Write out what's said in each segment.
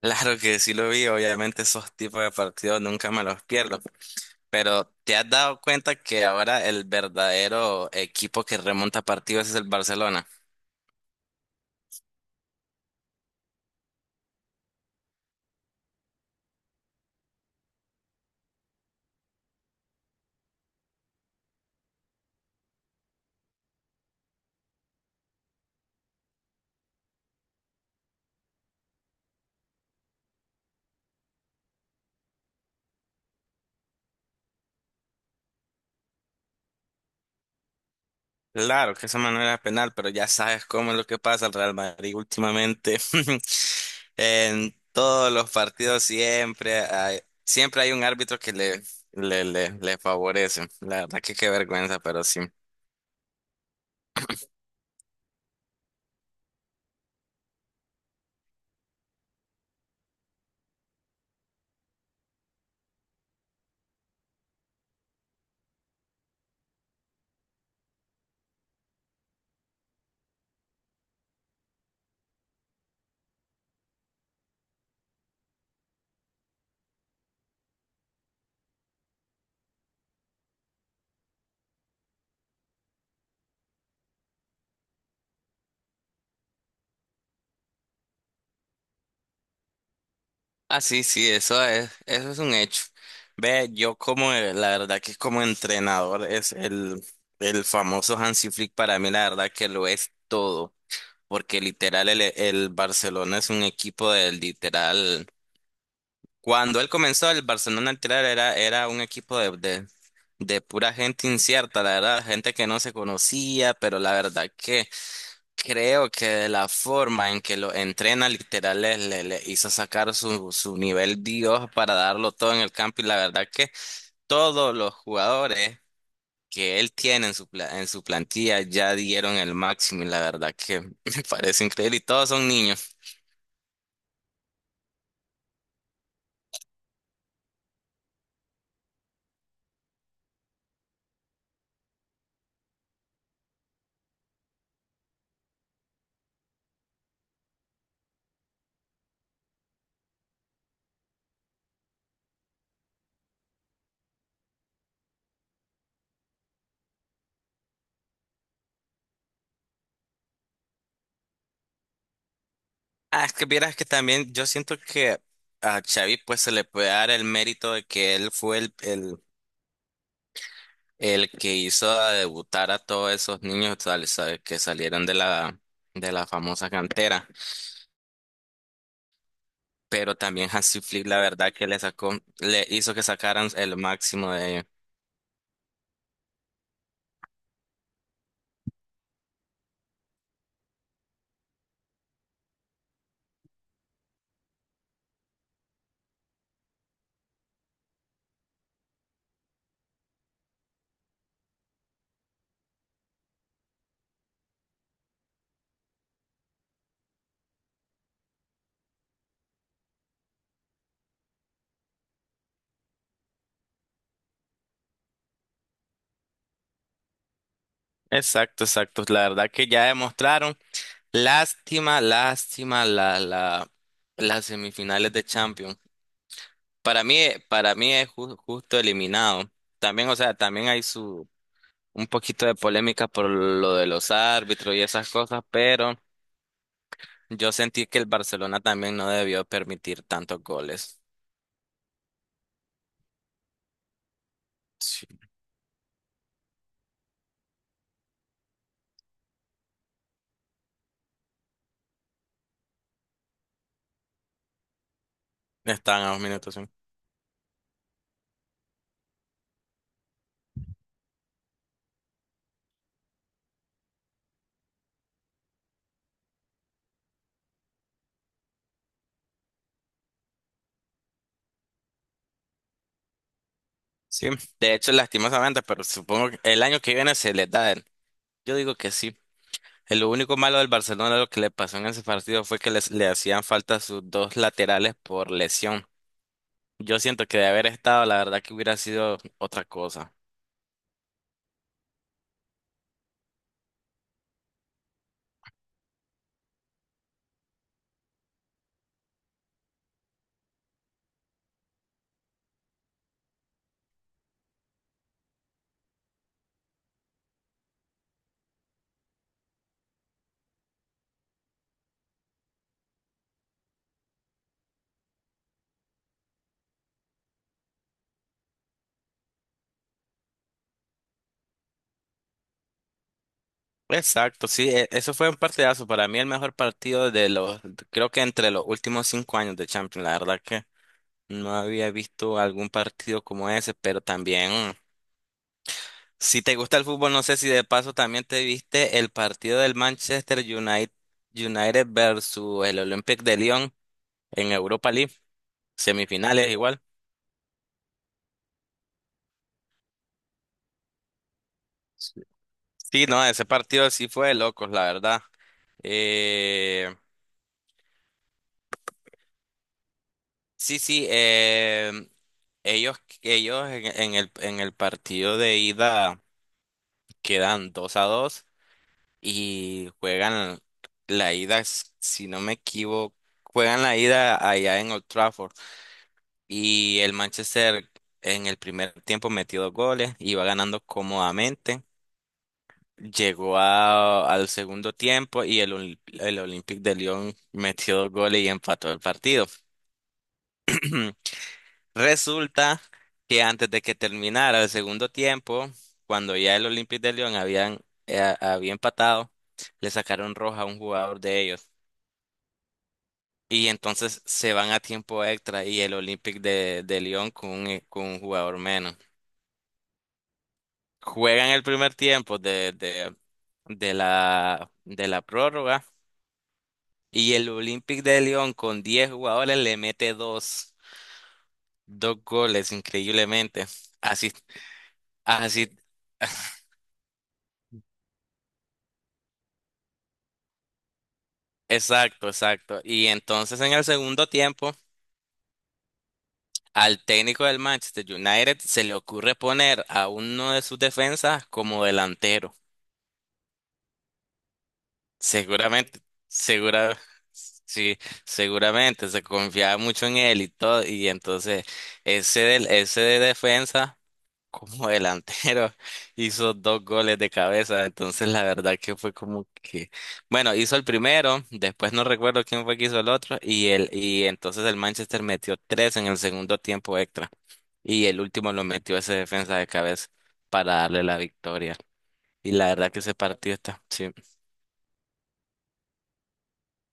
Claro que sí lo vi, obviamente esos tipos de partidos nunca me los pierdo. Pero ¿te has dado cuenta que ahora el verdadero equipo que remonta partidos es el Barcelona? Claro que esa manera es penal, pero ya sabes cómo es lo que pasa al Real Madrid últimamente. En todos los partidos siempre hay un árbitro que le favorece. La verdad que qué vergüenza, pero sí. Ah, sí, sí, eso es un hecho. Ve, yo como, la verdad que como entrenador es el famoso Hansi Flick. Para mí, la verdad que lo es todo, porque literal el Barcelona es un equipo del literal. Cuando él comenzó, el Barcelona literal era un equipo de pura gente incierta, la verdad, gente que no se conocía, pero la verdad que creo que la forma en que lo entrena literal le hizo sacar su nivel Dios para darlo todo en el campo, y la verdad que todos los jugadores que él tiene en su plantilla ya dieron el máximo, y la verdad que me parece increíble y todos son niños. Ah, es que vieras que también yo siento que a Xavi pues se le puede dar el mérito de que él fue el que hizo a debutar a todos esos niños, sabe, que salieron de la famosa cantera. Pero también Hansi Flick, la verdad que le sacó, le hizo que sacaran el máximo de ellos. Exacto, exacto. La verdad que ya demostraron. Lástima las semifinales de Champions. Para mí, para mí es justo eliminado. También, o sea, también hay su un poquito de polémica por lo de los árbitros y esas cosas, pero yo sentí que el Barcelona también no debió permitir tantos goles. Sí. Estaban a dos minutos. Sí. Sí, de hecho, lastimosamente, pero supongo que el año que viene se les da. Yo digo que sí. Lo único malo del Barcelona, lo que le pasó en ese partido fue que le hacían falta sus dos laterales por lesión. Yo siento que de haber estado, la verdad que hubiera sido otra cosa. Exacto, sí, eso fue un partidazo. Para mí el mejor partido de los, creo que entre los últimos cinco años de Champions. La verdad que no había visto algún partido como ese, pero también, si te gusta el fútbol, no sé si de paso también te viste el partido del Manchester United versus el Olympique de Lyon en Europa League, semifinales igual. Sí, sí, no, ese partido sí fue de locos, la verdad. Eh, sí, sí, ellos, ellos en, en el partido de ida quedan 2 a 2 y juegan la ida, si no me equivoco, juegan la ida allá en Old Trafford. Y el Manchester en el primer tiempo metió dos goles, iba ganando cómodamente. Llegó al segundo tiempo y el Olympique de Lyon metió dos goles y empató el partido. Resulta que antes de que terminara el segundo tiempo, cuando ya el Olympique de Lyon había empatado, le sacaron roja a un jugador de ellos. Y entonces se van a tiempo extra y el Olympique de Lyon con un jugador menos. Juegan el primer tiempo de la prórroga y el Olympique de León con 10 jugadores le mete dos goles increíblemente. Así, así, exacto, exacto. Y entonces en el segundo tiempo, al técnico del Manchester United se le ocurre poner a uno de sus defensas como delantero. Seguramente, segura, sí, seguramente se confiaba mucho en él y todo, y entonces ese de defensa como delantero hizo dos goles de cabeza. Entonces la verdad que fue como que, bueno, hizo el primero, después no recuerdo quién fue que hizo el otro, y y entonces el Manchester metió tres en el segundo tiempo extra, y el último lo metió ese defensa de cabeza para darle la victoria, y la verdad que ese partido está, sí.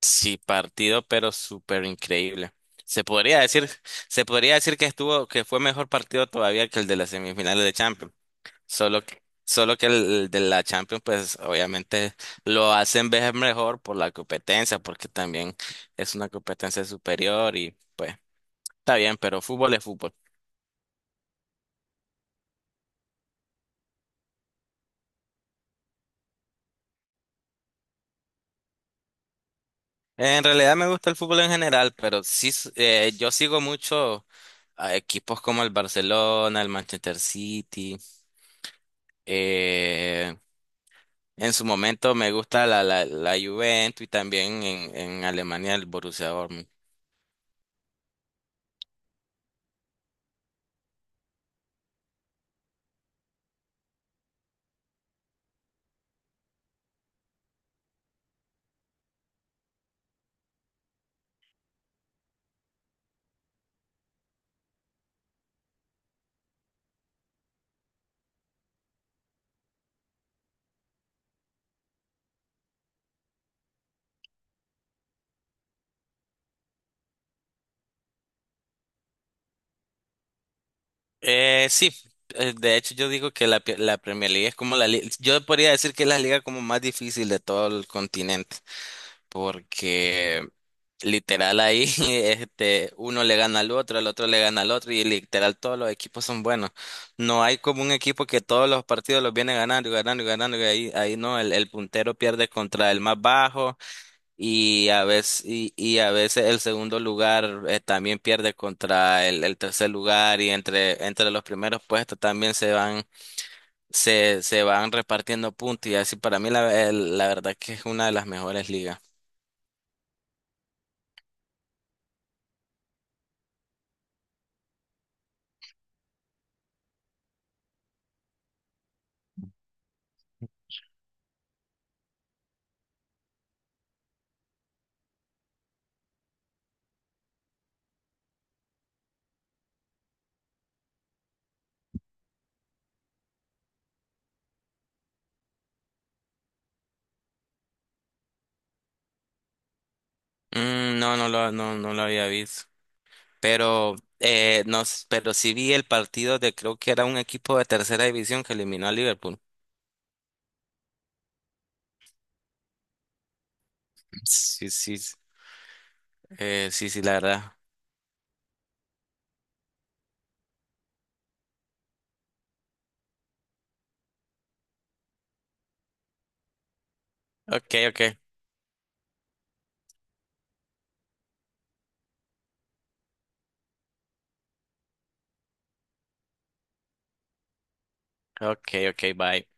Sí, partido, pero súper increíble. Se podría decir, se podría decir que estuvo, que fue mejor partido todavía que el de las semifinales de Champions. Solo que el de la Champions, pues obviamente lo hacen ver mejor por la competencia, porque también es una competencia superior y pues está bien, pero fútbol es fútbol. En realidad me gusta el fútbol en general, pero sí, yo sigo mucho a equipos como el Barcelona, el Manchester City. Eh, En su momento me gusta la Juventus, y también en Alemania el Borussia Dortmund. Sí, de hecho yo digo que la Premier League es como la liga, yo podría decir que es la liga como más difícil de todo el continente, porque literal ahí este, uno le gana al otro, el otro le gana al otro, y literal todos los equipos son buenos. No hay como un equipo que todos los partidos los viene ganando y ganando y ganando, y ahí, ahí no, el puntero pierde contra el más bajo. Y a veces el segundo lugar también pierde contra el tercer lugar, y entre los primeros puestos también se van repartiendo puntos. Y así para mí la verdad que es una de las mejores ligas. Mm, no, no lo había visto. Pero, no, pero sí vi el partido de creo que era un equipo de tercera división que eliminó a Liverpool. Sí, sí, sí, sí, la verdad. Ok, ok, ok, ok, bye.